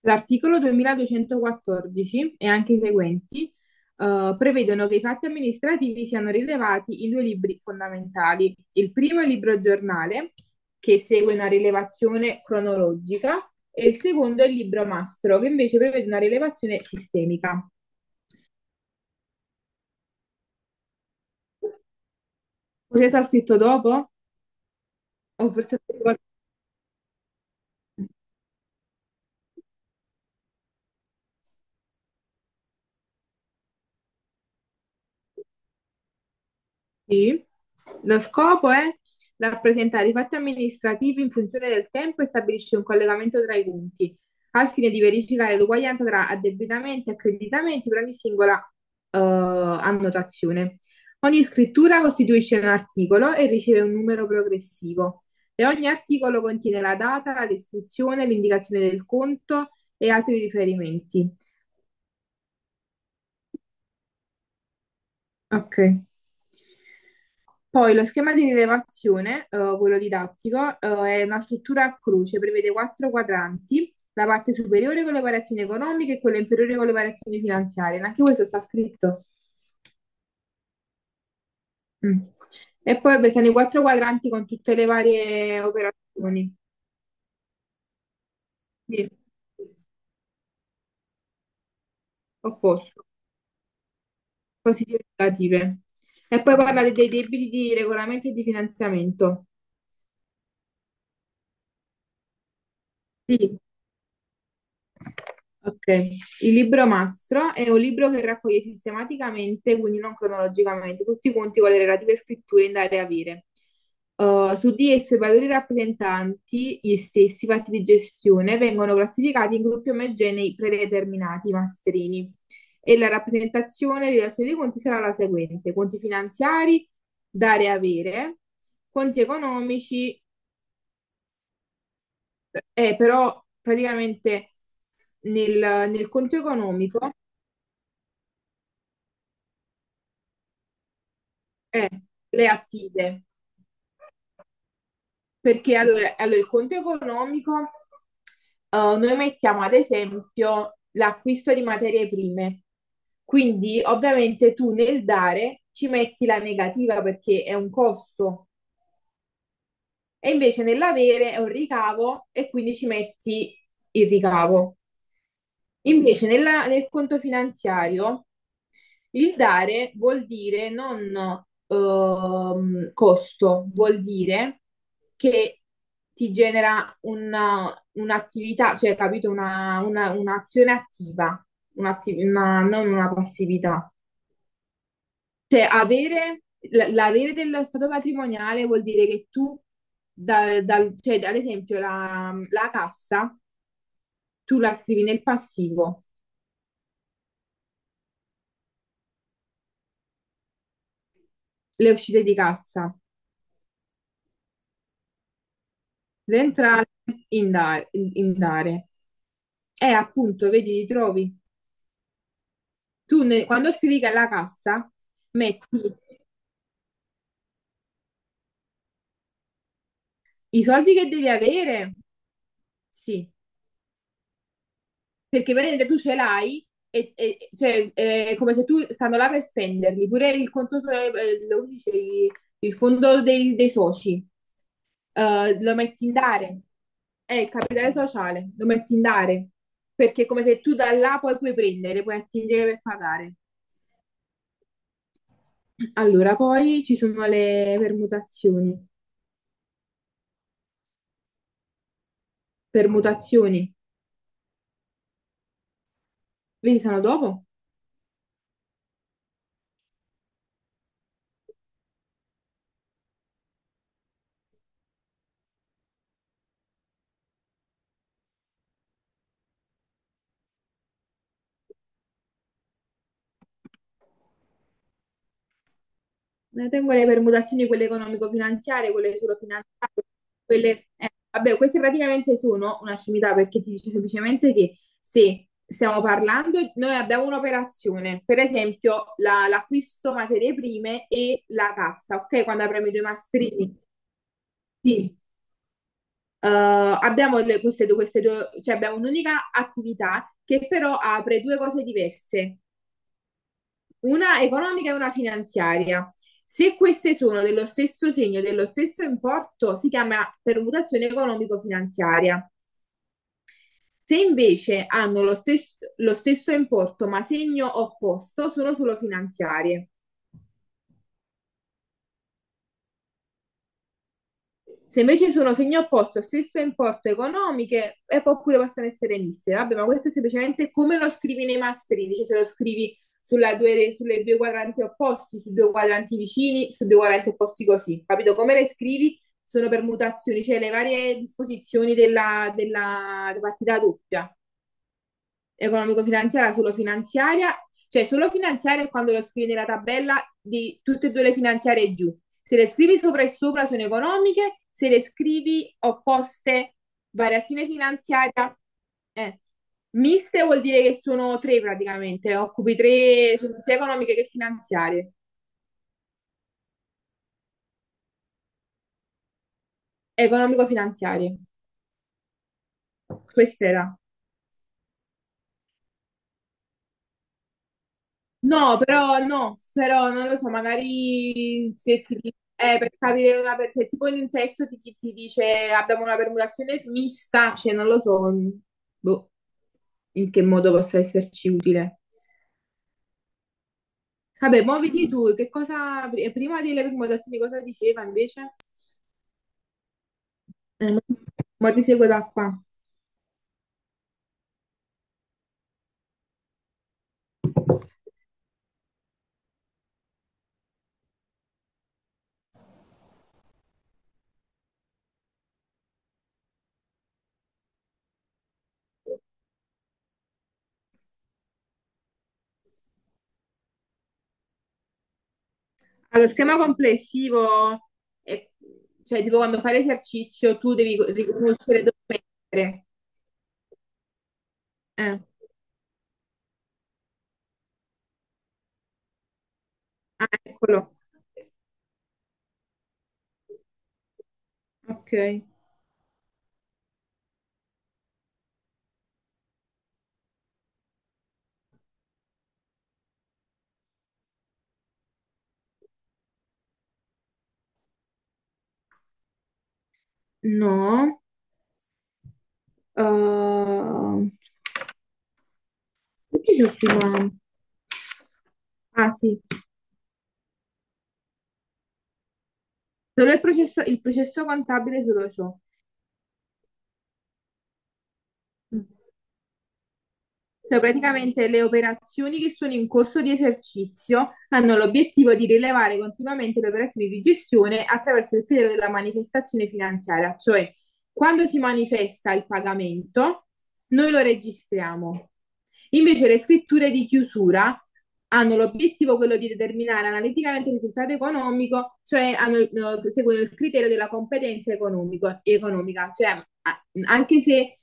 L'articolo 2214 e anche i seguenti prevedono che i fatti amministrativi siano rilevati in due libri fondamentali. Il primo è il libro giornale, che segue una rilevazione cronologica, e il secondo è il libro mastro, che invece prevede una rilevazione sistemica. Cosa sta scritto dopo? O forse... Sì. Lo scopo è rappresentare i fatti amministrativi in funzione del tempo e stabilisce un collegamento tra i punti, al fine di verificare l'uguaglianza tra addebitamenti e accreditamenti per ogni singola annotazione. Ogni scrittura costituisce un articolo e riceve un numero progressivo e ogni articolo contiene la data, la descrizione, l'indicazione del conto e altri riferimenti. Ok. Poi lo schema di rilevazione, quello didattico, è una struttura a croce, prevede quattro quadranti, la parte superiore con le variazioni economiche e quella inferiore con le variazioni finanziarie. Anche questo sta scritto. Mm. E poi beh, sono i quattro quadranti con tutte le varie operazioni. Sì, opposto, positive e negative. E poi parla dei debiti di regolamento e di finanziamento. Sì. Ok, il libro mastro è un libro che raccoglie sistematicamente, quindi non cronologicamente, tutti i conti con le relative scritture in dare e avere. Su di esso i valori rappresentanti gli stessi fatti di gestione vengono classificati in gruppi omogenei predeterminati, mastrini, e la rappresentazione di relazione dei conti sarà la seguente: conti finanziari, dare e avere, conti economici, però praticamente nel, nel conto economico. Eh, le attive, perché allora, il conto economico, noi mettiamo ad esempio l'acquisto di materie prime, quindi ovviamente tu nel dare ci metti la negativa perché è un costo e invece nell'avere è un ricavo e quindi ci metti il ricavo. Invece nel conto finanziario il dare vuol dire non costo, vuol dire che ti genera un'attività, cioè capito, un'azione attiva, non una passività. Cioè avere, l'avere dello stato patrimoniale vuol dire che tu, cioè, ad esempio la cassa, tu la scrivi nel passivo, le uscite di cassa, le entrate in dare, in dare. Appunto, vedi, li trovi. Quando scrivi che alla cassa metti i soldi che devi avere, sì, perché veramente tu ce l'hai cioè, è come se tu stanno là per spenderli, pure il conto, lo dice, il fondo dei soci, lo metti in dare, è il capitale sociale, lo metti in dare, perché è come se tu da là poi puoi prendere, puoi attingere per pagare. Allora, poi ci sono le permutazioni. Permutazioni. Vedi, sono dopo. Ne tengo le permutazioni, quelle economico-finanziarie, quelle solo finanziarie, quelle... vabbè, queste praticamente sono una scimità perché ti dice semplicemente che se stiamo parlando, noi abbiamo un'operazione, per esempio l'acquisto materie prime e la cassa, ok? Quando apriamo i due mastrini, sì. Abbiamo queste due, cioè abbiamo un'unica attività che però apre due cose diverse. Una economica e una finanziaria. Se queste sono dello stesso segno, dello stesso importo, si chiama permutazione economico-finanziaria. Se invece hanno lo stesso importo ma segno opposto, sono solo finanziarie. Se invece sono segno opposto, stesso importo economiche, e poi pure possono essere miste. Vabbè, ma questo è semplicemente come lo scrivi nei masterini, cioè se lo scrivi sulla due, sulle due quadranti opposti, su due quadranti vicini, su due quadranti opposti così, capito? Come le scrivi sono permutazioni, cioè le varie disposizioni della partita doppia economico-finanziaria, solo finanziaria, cioè solo finanziaria è quando lo scrivi nella tabella di tutte e due le finanziarie giù. Se le scrivi sopra e sopra sono economiche, se le scrivi opposte, variazione finanziaria, eh. Miste vuol dire che sono tre praticamente, occupi tre, sono sia economiche che finanziarie, economico-finanziarie. Questa era. No, però no, però non lo so, magari se ti dice, per capire se tipo in un testo ti dice abbiamo una permutazione mista, cioè non lo so, mm, boh, in che modo possa esserci utile. Vabbè, muoviti tu, che cosa, prima delle permutazioni cosa diceva invece? Eh, ma ti seguo da qua. Allora, schema complessivo, è- cioè tipo quando fai l'esercizio tu devi riconoscere dove mettere. Eh, ah, eccolo. Ok, no. Uh, perché c'ho prima? Ah sì, solo il processo contabile solo ciò. Cioè, praticamente le operazioni che sono in corso di esercizio hanno l'obiettivo di rilevare continuamente le operazioni di gestione attraverso il criterio della manifestazione finanziaria, cioè quando si manifesta il pagamento, noi lo registriamo. Invece le scritture di chiusura hanno l'obiettivo quello di determinare analiticamente il risultato economico, cioè hanno, seguono il criterio della competenza economica, cioè anche se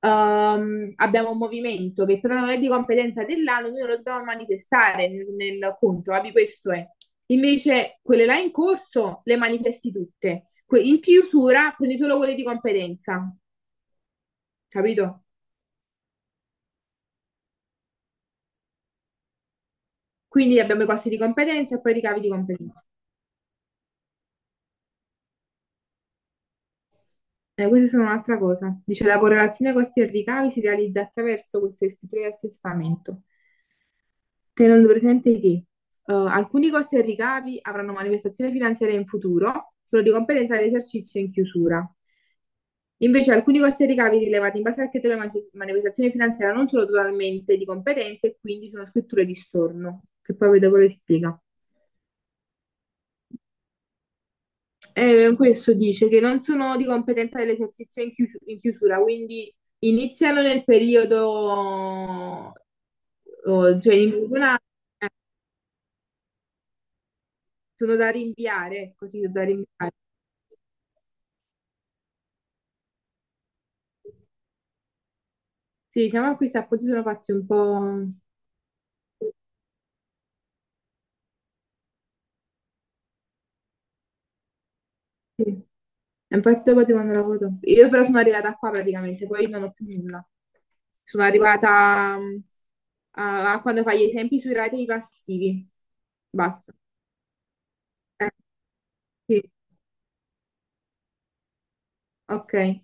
abbiamo un movimento che però non è di competenza dell'ANU, noi non lo dobbiamo manifestare nel conto, capi? Questo è. Invece quelle là in corso le manifesti tutte. In chiusura prendi solo quelle di competenza, capito? Quindi abbiamo i costi di competenza e poi i ricavi di competenza. Queste sono un'altra cosa. Dice la correlazione costi e ricavi si realizza attraverso queste scritture di assestamento. Tenendo presente che alcuni costi e ricavi avranno manifestazione finanziaria in futuro, solo di competenza dell'esercizio in chiusura. Invece alcuni costi e ricavi rilevati in base al criterio manifestazione finanziaria non sono totalmente di competenza e quindi sono scritture di storno, che poi vedo le spiega. Questo dice che non sono di competenza dell'esercizio in in chiusura, quindi iniziano nel periodo, oh, cioè in una, eh, sono da rinviare, così sono da rinviare. Sì, diciamo che questa appoggio sono fatti un po'... Sì, è un partito poi di quando ero avuto. Io però sono arrivata qua praticamente, poi non ho più nulla. Sono arrivata mm, a quando fai gli esempi sui ratei passivi. Basta. Eh, sì, ok.